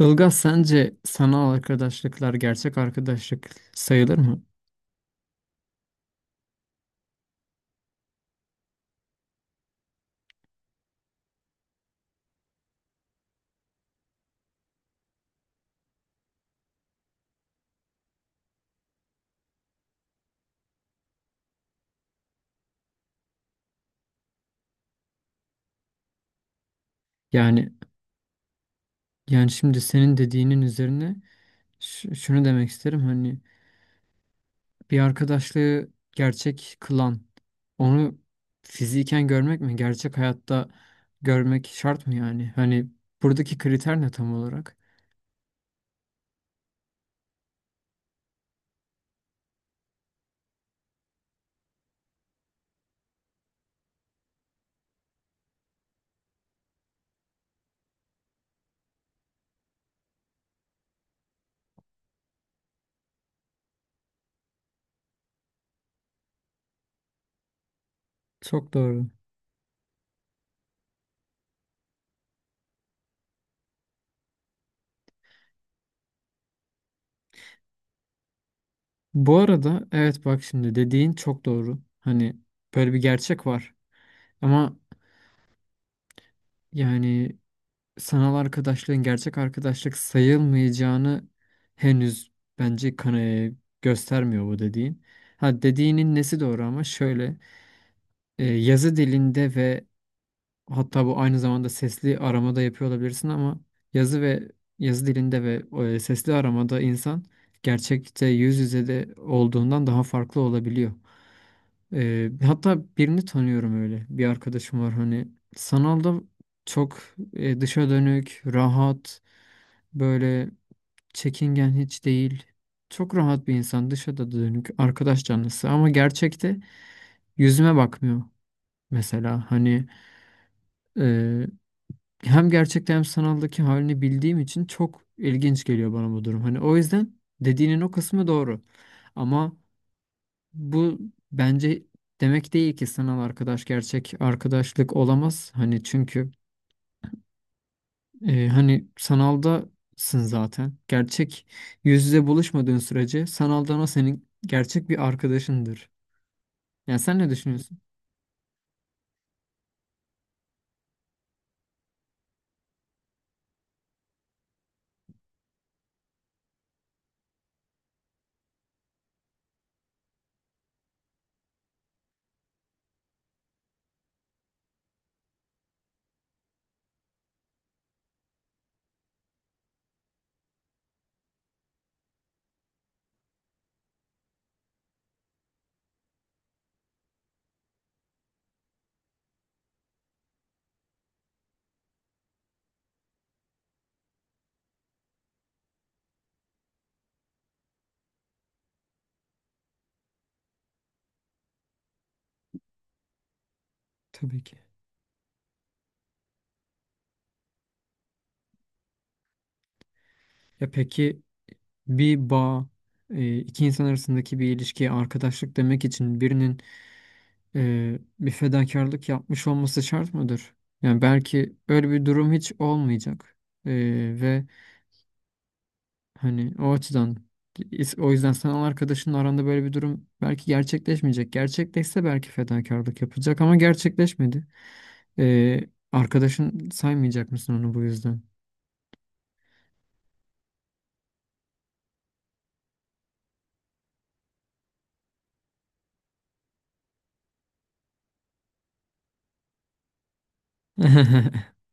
Ilgaz sence sanal arkadaşlıklar gerçek arkadaşlık sayılır mı? Yani yani şimdi senin dediğinin üzerine şunu demek isterim. Hani bir arkadaşlığı gerçek kılan onu fiziken görmek mi? Gerçek hayatta görmek şart mı yani? Hani buradaki kriter ne tam olarak? Çok doğru. Bu arada evet, bak şimdi dediğin çok doğru. Hani böyle bir gerçek var. Ama yani sanal arkadaşlığın gerçek arkadaşlık sayılmayacağını henüz bence göstermiyor bu dediğin. Ha, dediğinin nesi doğru ama şöyle, yazı dilinde ve hatta bu aynı zamanda sesli aramada yapıyor olabilirsin ama yazı ve yazı dilinde ve e, sesli aramada insan gerçekte yüz yüze de olduğundan daha farklı olabiliyor. Hatta birini tanıyorum öyle. Bir arkadaşım var, hani sanalda çok dışa dönük, rahat, böyle çekingen hiç değil. Çok rahat bir insan, dışa da dönük, arkadaş canlısı ama gerçekte yüzüme bakmıyor mesela. Hani e, hem gerçekte hem sanaldaki halini bildiğim için çok ilginç geliyor bana bu durum. Hani o yüzden dediğinin o kısmı doğru. Ama bu bence demek değil ki sanal arkadaş gerçek arkadaşlık olamaz. Hani çünkü hani sanaldasın zaten. Gerçek yüz yüze buluşmadığın sürece sanaldan o senin gerçek bir arkadaşındır. Yani sen ne düşünüyorsun? Tabii ki. Ya peki bir bağ, iki insan arasındaki bir ilişkiye arkadaşlık demek için birinin bir fedakarlık yapmış olması şart mıdır? Yani belki öyle bir durum hiç olmayacak. E, ve Hani o açıdan o yüzden sen o arkadaşınla aranda böyle bir durum belki gerçekleşmeyecek. Gerçekleşse belki fedakarlık yapılacak ama gerçekleşmedi. Ee, Arkadaşın saymayacak mısın onu bu yüzden?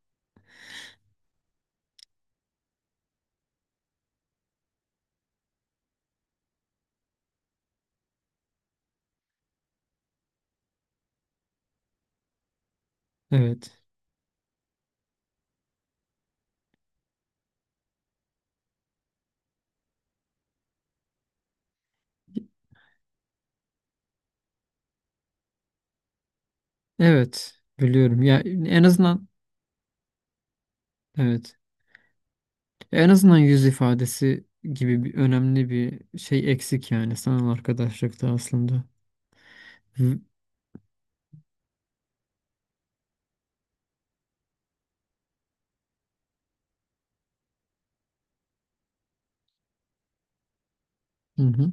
Evet. Evet, biliyorum. Ya en azından evet. En azından yüz ifadesi gibi bir önemli bir şey eksik yani sanal arkadaşlıkta aslında. Hı hı.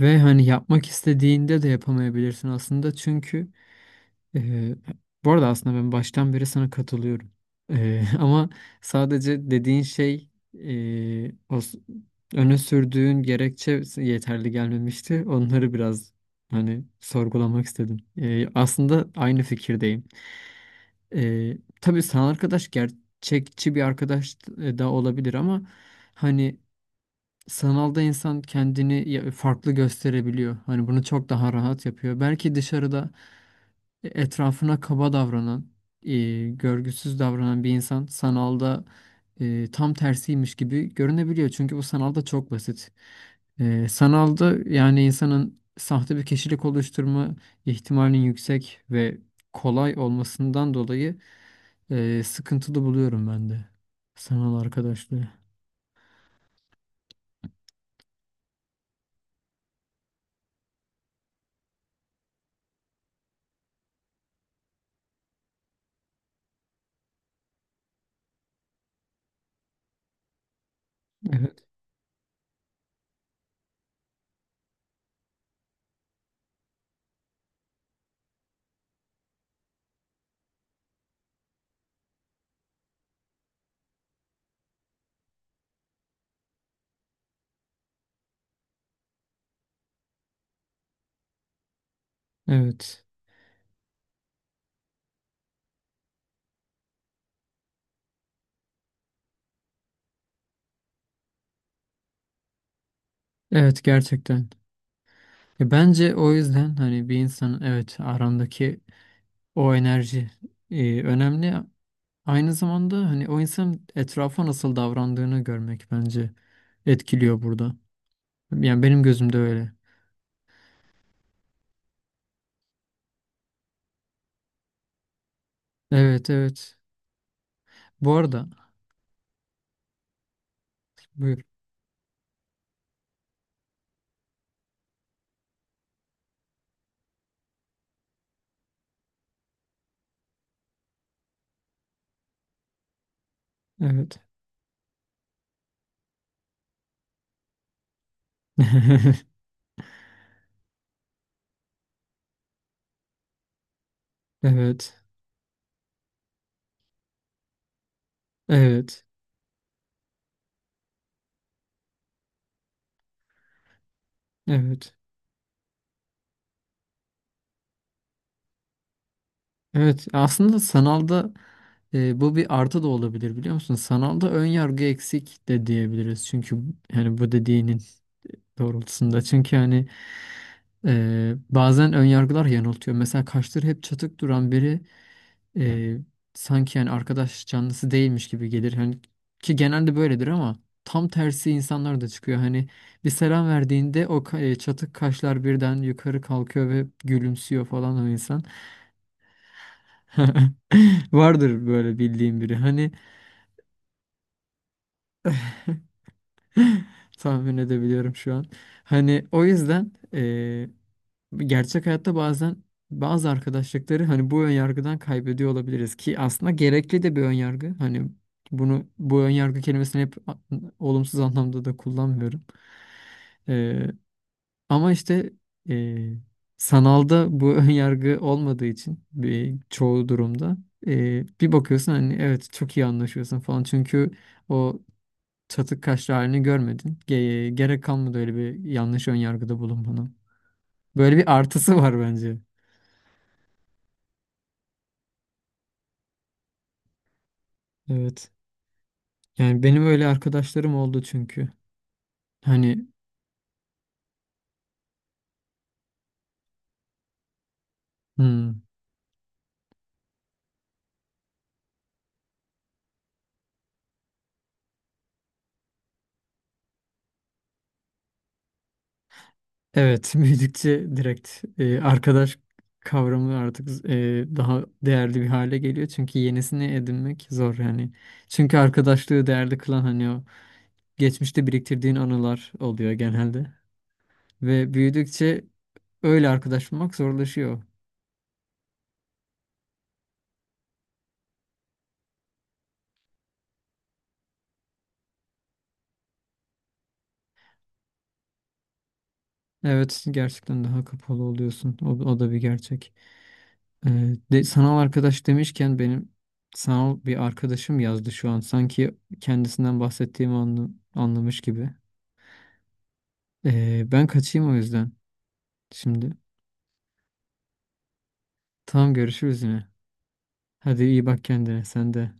Ve hani yapmak istediğinde de yapamayabilirsin aslında çünkü. Ee, Bu arada aslında ben baştan beri sana katılıyorum. Ama sadece dediğin şey, e, o s- öne sürdüğün gerekçe yeterli gelmemişti. Onları biraz hani sorgulamak istedim. Aslında aynı fikirdeyim. Tabii sanal arkadaş gerçekçi bir arkadaş da olabilir ama hani sanalda insan kendini farklı gösterebiliyor. Hani bunu çok daha rahat yapıyor. Belki dışarıda etrafına kaba davranan, görgüsüz davranan bir insan sanalda tam tersiymiş gibi görünebiliyor. Çünkü bu sanalda çok basit. Sanalda yani insanın sahte bir kişilik oluşturma ihtimalinin yüksek ve kolay olmasından dolayı sıkıntılı buluyorum ben de sanal arkadaşlığı. Evet, evet, evet, gerçekten. Ya bence o yüzden hani bir insanın, evet, arandaki o enerji önemli. Aynı zamanda hani o insanın etrafa nasıl davrandığını görmek bence etkiliyor burada. Yani benim gözümde öyle. Evet, evet. Bu arada buyur. Evet. Evet. Evet. Evet. Evet. Aslında sanalda bu bir artı da olabilir, biliyor musun? Sanalda ön yargı eksik de diyebiliriz. Çünkü hani bu dediğinin doğrultusunda. Çünkü hani bazen ön yargılar yanıltıyor. Mesela kaşları hep çatık duran biri e, sanki yani arkadaş canlısı değilmiş gibi gelir. Hani ki genelde böyledir ama tam tersi insanlar da çıkıyor. Hani bir selam verdiğinde çatık kaşlar birden yukarı kalkıyor ve gülümsüyor falan o insan. Vardır böyle bildiğim biri. Hani tahmin edebiliyorum şu an. Hani o yüzden gerçek hayatta bazen bazı arkadaşlıkları hani bu ön yargıdan kaybediyor olabiliriz ki aslında gerekli de bir ön yargı. Hani bu ön yargı kelimesini hep olumsuz anlamda da kullanmıyorum. Eee, Ama işte eee, sanalda bu ön yargı olmadığı için bir çoğu durumda bir bakıyorsun hani evet çok iyi anlaşıyorsun falan çünkü o çatık kaşlı halini görmedin. Gerek kalmadı öyle bir yanlış ön yargıda bulunmana. Böyle bir artısı var bence. Evet. Yani benim öyle arkadaşlarım oldu çünkü. Hani hmm, evet, büyüdükçe direkt arkadaş kavramı artık daha değerli bir hale geliyor. Çünkü yenisini edinmek zor yani. Çünkü arkadaşlığı değerli kılan hani o geçmişte biriktirdiğin anılar oluyor genelde. Ve büyüdükçe öyle arkadaş bulmak zorlaşıyor. Evet, gerçekten daha kapalı oluyorsun. O, o da bir gerçek. Sanal arkadaş demişken benim sanal bir arkadaşım yazdı şu an. Sanki kendisinden bahsettiğimi anlamış gibi. Ben kaçayım o yüzden şimdi. Tamam, görüşürüz yine. Hadi, iyi bak kendine sen de.